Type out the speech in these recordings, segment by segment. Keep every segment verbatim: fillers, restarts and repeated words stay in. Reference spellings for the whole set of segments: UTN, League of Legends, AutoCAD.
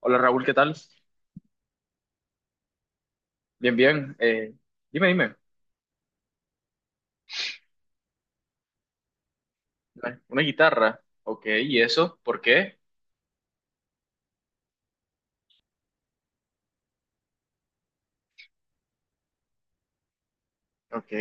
Hola Raúl, ¿qué tal? Bien, bien. Eh, dime, dime. Una una guitarra. Ok, ¿y eso? ¿Por qué? Ok,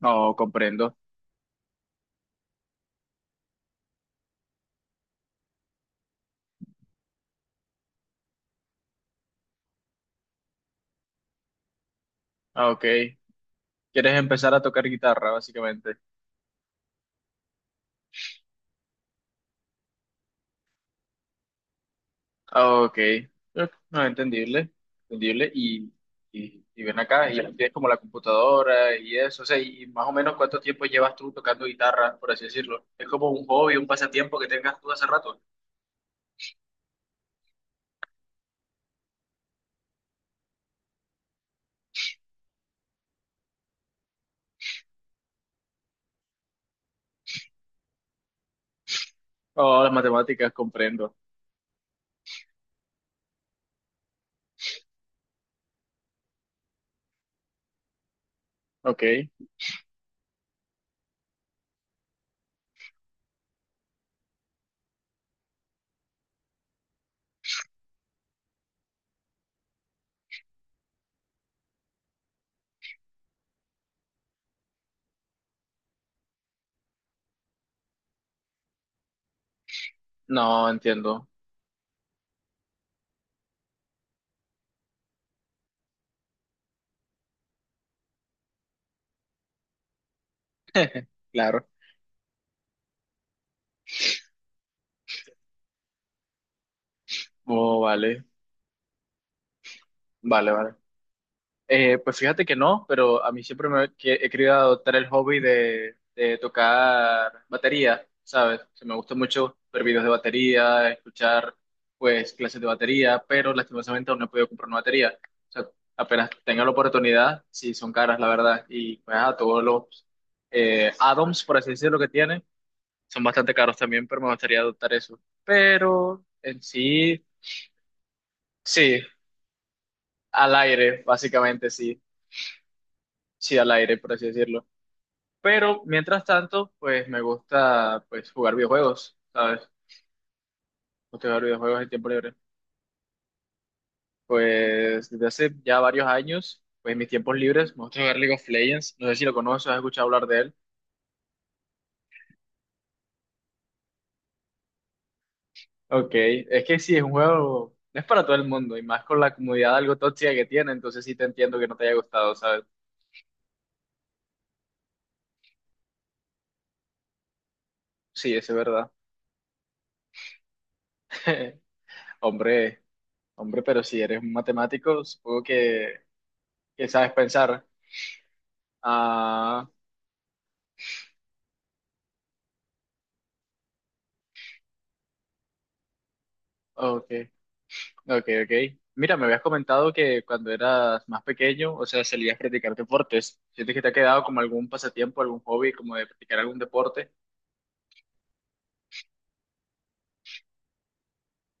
no comprendo. Ah, ok. ¿Quieres empezar a tocar guitarra, básicamente? Ah, ok. Eh, No, entendible. Entendible. Y, y, y ven acá, y tienes como la computadora y eso. O sea, y y más o menos cuánto tiempo llevas tú tocando guitarra, por así decirlo. Es como un hobby, un pasatiempo que tengas tú hace rato. Oh, las matemáticas, comprendo. Ok. No, entiendo. Claro. Oh, vale. Vale, vale. Eh, pues fíjate que no, pero a mí siempre me que- he querido adoptar el hobby de, de tocar batería, ¿sabes? O sea, me gusta mucho ver videos de batería, escuchar pues clases de batería, pero lastimosamente aún no he podido comprar una batería. O sea, apenas tenga la oportunidad, sí son caras, la verdad, y pues ah, todos los eh, add-ons, por así decirlo, que tiene, son bastante caros también, pero me gustaría adoptar eso. Pero en sí, sí, al aire, básicamente, sí. Sí, al aire, por así decirlo. Pero mientras tanto, pues me gusta pues jugar videojuegos, ¿sabes? Me gusta jugar videojuegos en tiempo libre. Pues desde hace ya varios años, pues en mis tiempos libres, me gusta jugar League of Legends. No sé si lo conoces, has escuchado hablar de él. Ok, es que sí, es un juego, no es para todo el mundo, y más con la comunidad algo tóxica que tiene, entonces sí te entiendo que no te haya gustado, ¿sabes? Sí, eso es verdad. Hombre, hombre, pero si eres un matemático, supongo que, que sabes pensar. Ah, ok. Ok, ok. Mira, me habías comentado que cuando eras más pequeño, o sea, salías a practicar deportes. ¿Sientes que te ha quedado como algún pasatiempo, algún hobby, como de practicar algún deporte?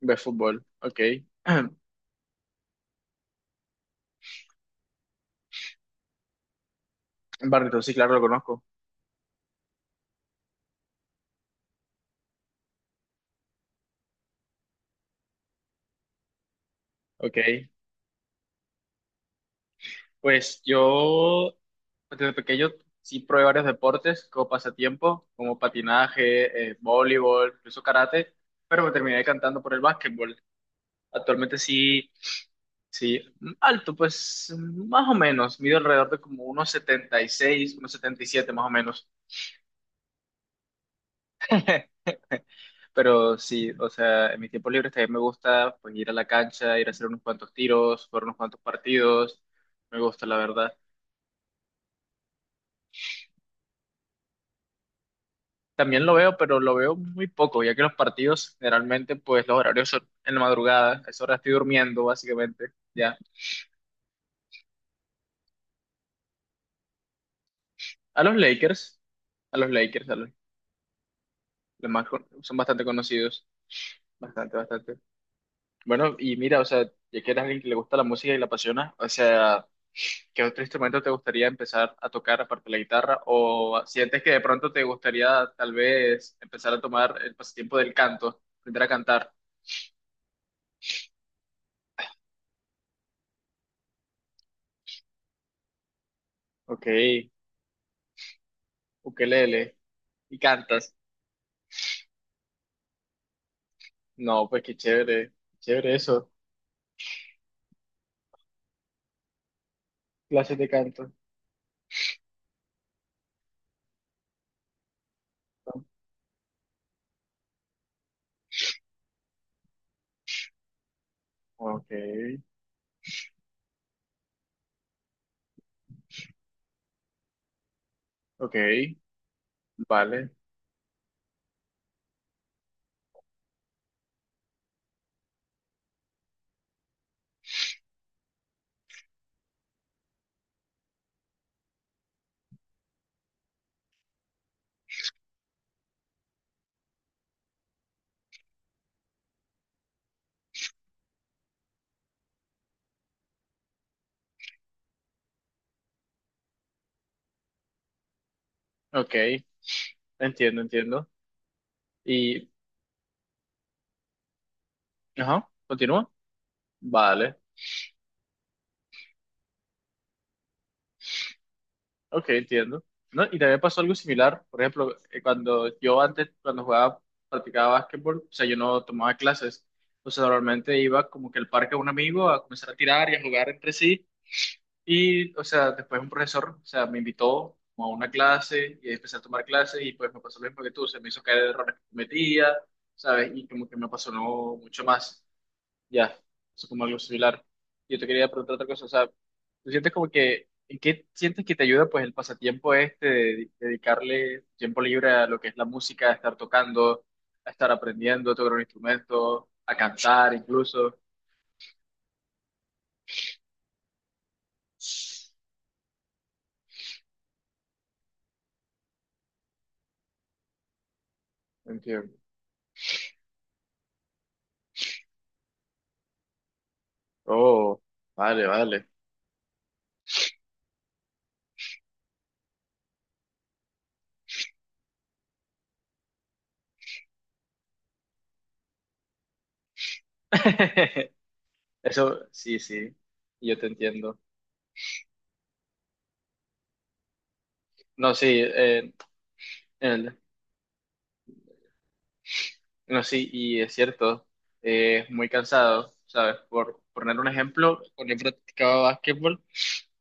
¿Ves fútbol? Ok. Barrio, sí, claro, lo conozco. Ok. Pues yo, desde pequeño, sí probé varios deportes como pasatiempo, como patinaje, eh, voleibol, incluso karate, pero me terminé decantando por el básquetbol. Actualmente sí. Sí, alto, pues más o menos, mido alrededor de como unos setenta y seis, unos setenta y siete más o menos, pero sí, o sea, en mi tiempo libre también me gusta pues ir a la cancha, ir a hacer unos cuantos tiros, jugar unos cuantos partidos, me gusta la verdad. También lo veo, pero lo veo muy poco, ya que los partidos generalmente pues los horarios son en la madrugada, a esa hora estoy durmiendo básicamente, ya. A los Lakers, a los Lakers, a los, los más, con- son bastante conocidos, bastante, bastante. Bueno, y mira, o sea, ya que eres alguien que le gusta la música y la apasiona, o sea, ¿qué otro instrumento te gustaría empezar a tocar aparte de la guitarra? ¿O sientes que de pronto te gustaría tal vez empezar a tomar el pasatiempo del canto, aprender a cantar? Ok, ukelele, ¿y cantas? No, pues qué chévere, chévere eso, clases de canto. ¿No? Ok, ok, vale, ok, entiendo, entiendo. Y, ajá, continúa, vale. Ok, entiendo. No, y también pasó algo similar. Por ejemplo, eh, cuando yo antes, cuando jugaba, practicaba básquetbol, o sea, yo no tomaba clases. O sea, normalmente iba como que al parque a un amigo a comenzar a tirar y a jugar entre sí. Y, o sea, después un profesor, o sea, me invitó como a una clase y empecé a tomar clases y pues me pasó lo mismo que tú. Se me hizo caer errores que cometía, ¿sabes? Y como que me apasionó mucho más. Ya, es como algo similar. Yo te quería preguntar otra cosa, o sea, ¿tú sientes como que, en qué sientes que te ayuda pues el pasatiempo este de dedicarle tiempo libre a lo que es la música, a estar tocando, a estar aprendiendo a tocar un instrumento, a cantar incluso? Entiendo. Oh, vale, vale. Eso, sí, sí, yo te entiendo. No, sí, eh, el- no, sí, y es cierto, eh, es muy cansado, ¿sabes? Por poner un ejemplo, cuando he practicado básquetbol,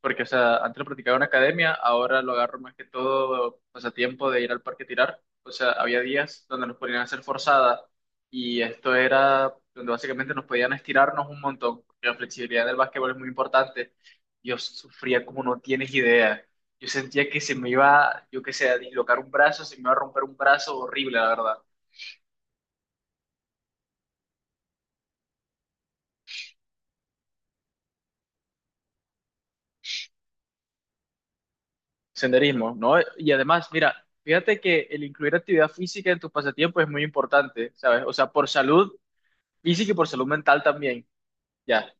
porque, o sea, antes lo practicaba en academia, ahora lo agarro más que todo pasatiempo de ir al parque a tirar. O sea, había días donde nos ponían a hacer forzada y esto era donde básicamente nos podían estirarnos un montón, porque la flexibilidad del básquetbol es muy importante. Yo sufría como no tienes idea. Yo sentía que se me iba, yo qué sé, a dislocar un brazo, se me iba a romper un brazo horrible, la verdad. Senderismo, ¿no? Y además, mira, fíjate que el incluir actividad física en tus pasatiempos es muy importante, ¿sabes? O sea, por salud física. Y sí que por salud mental también, ya.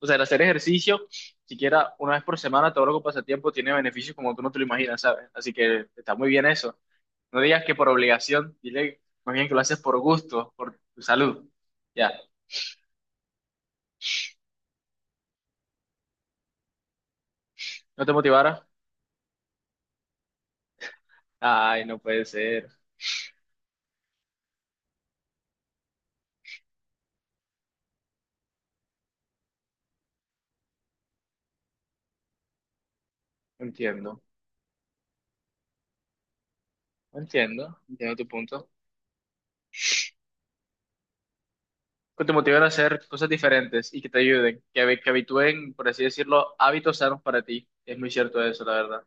O sea, el hacer ejercicio, siquiera una vez por semana, todo lo que pasa tiempo tiene beneficios como tú no te lo imaginas, ¿sabes? Así que está muy bien eso. No digas que por obligación, dile más bien que lo haces por gusto, por tu salud. Ya. ¿No te motivara? Ay, no puede ser. No entiendo, no entiendo, entiendo tu punto. Que te motivara a hacer cosas diferentes y que te ayuden, que, habi- que habitúen, por así decirlo, hábitos sanos para ti. Es muy cierto eso, la verdad.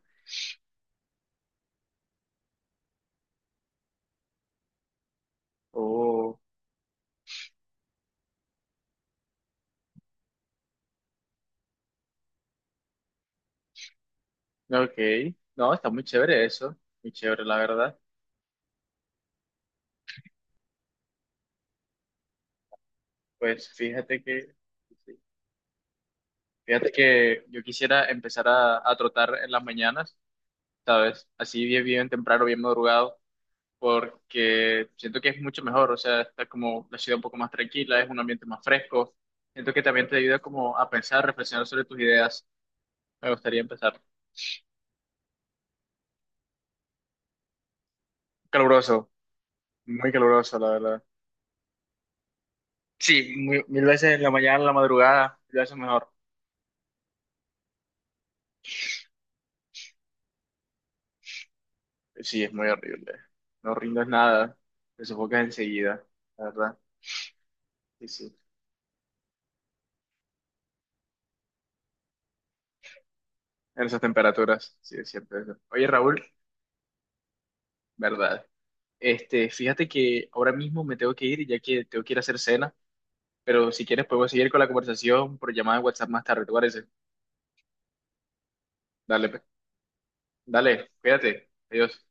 Oh. Ok, no, está muy chévere eso, muy chévere la verdad. Pues fíjate que, sí, fíjate que yo quisiera empezar a, a trotar en las mañanas, ¿sabes? Así bien, bien temprano, bien madrugado, porque siento que es mucho mejor, o sea, está como la ciudad un poco más tranquila, es un ambiente más fresco. Siento que también te ayuda como a pensar, reflexionar sobre tus ideas. Me gustaría empezar. Caluroso, muy caluroso, la verdad. Sí, muy- mil veces en la mañana, en la madrugada, mil veces mejor. Sí, es muy horrible. No rindes nada, te sofocas enseguida, la verdad. Sí, sí. En esas temperaturas, sí, es cierto eso. Oye, Raúl, verdad. Este, fíjate que ahora mismo me tengo que ir, ya que tengo que ir a hacer cena, pero si quieres podemos seguir con la conversación por llamada de WhatsApp más tarde, ¿te parece? Dale, pe- dale, cuídate. Adiós.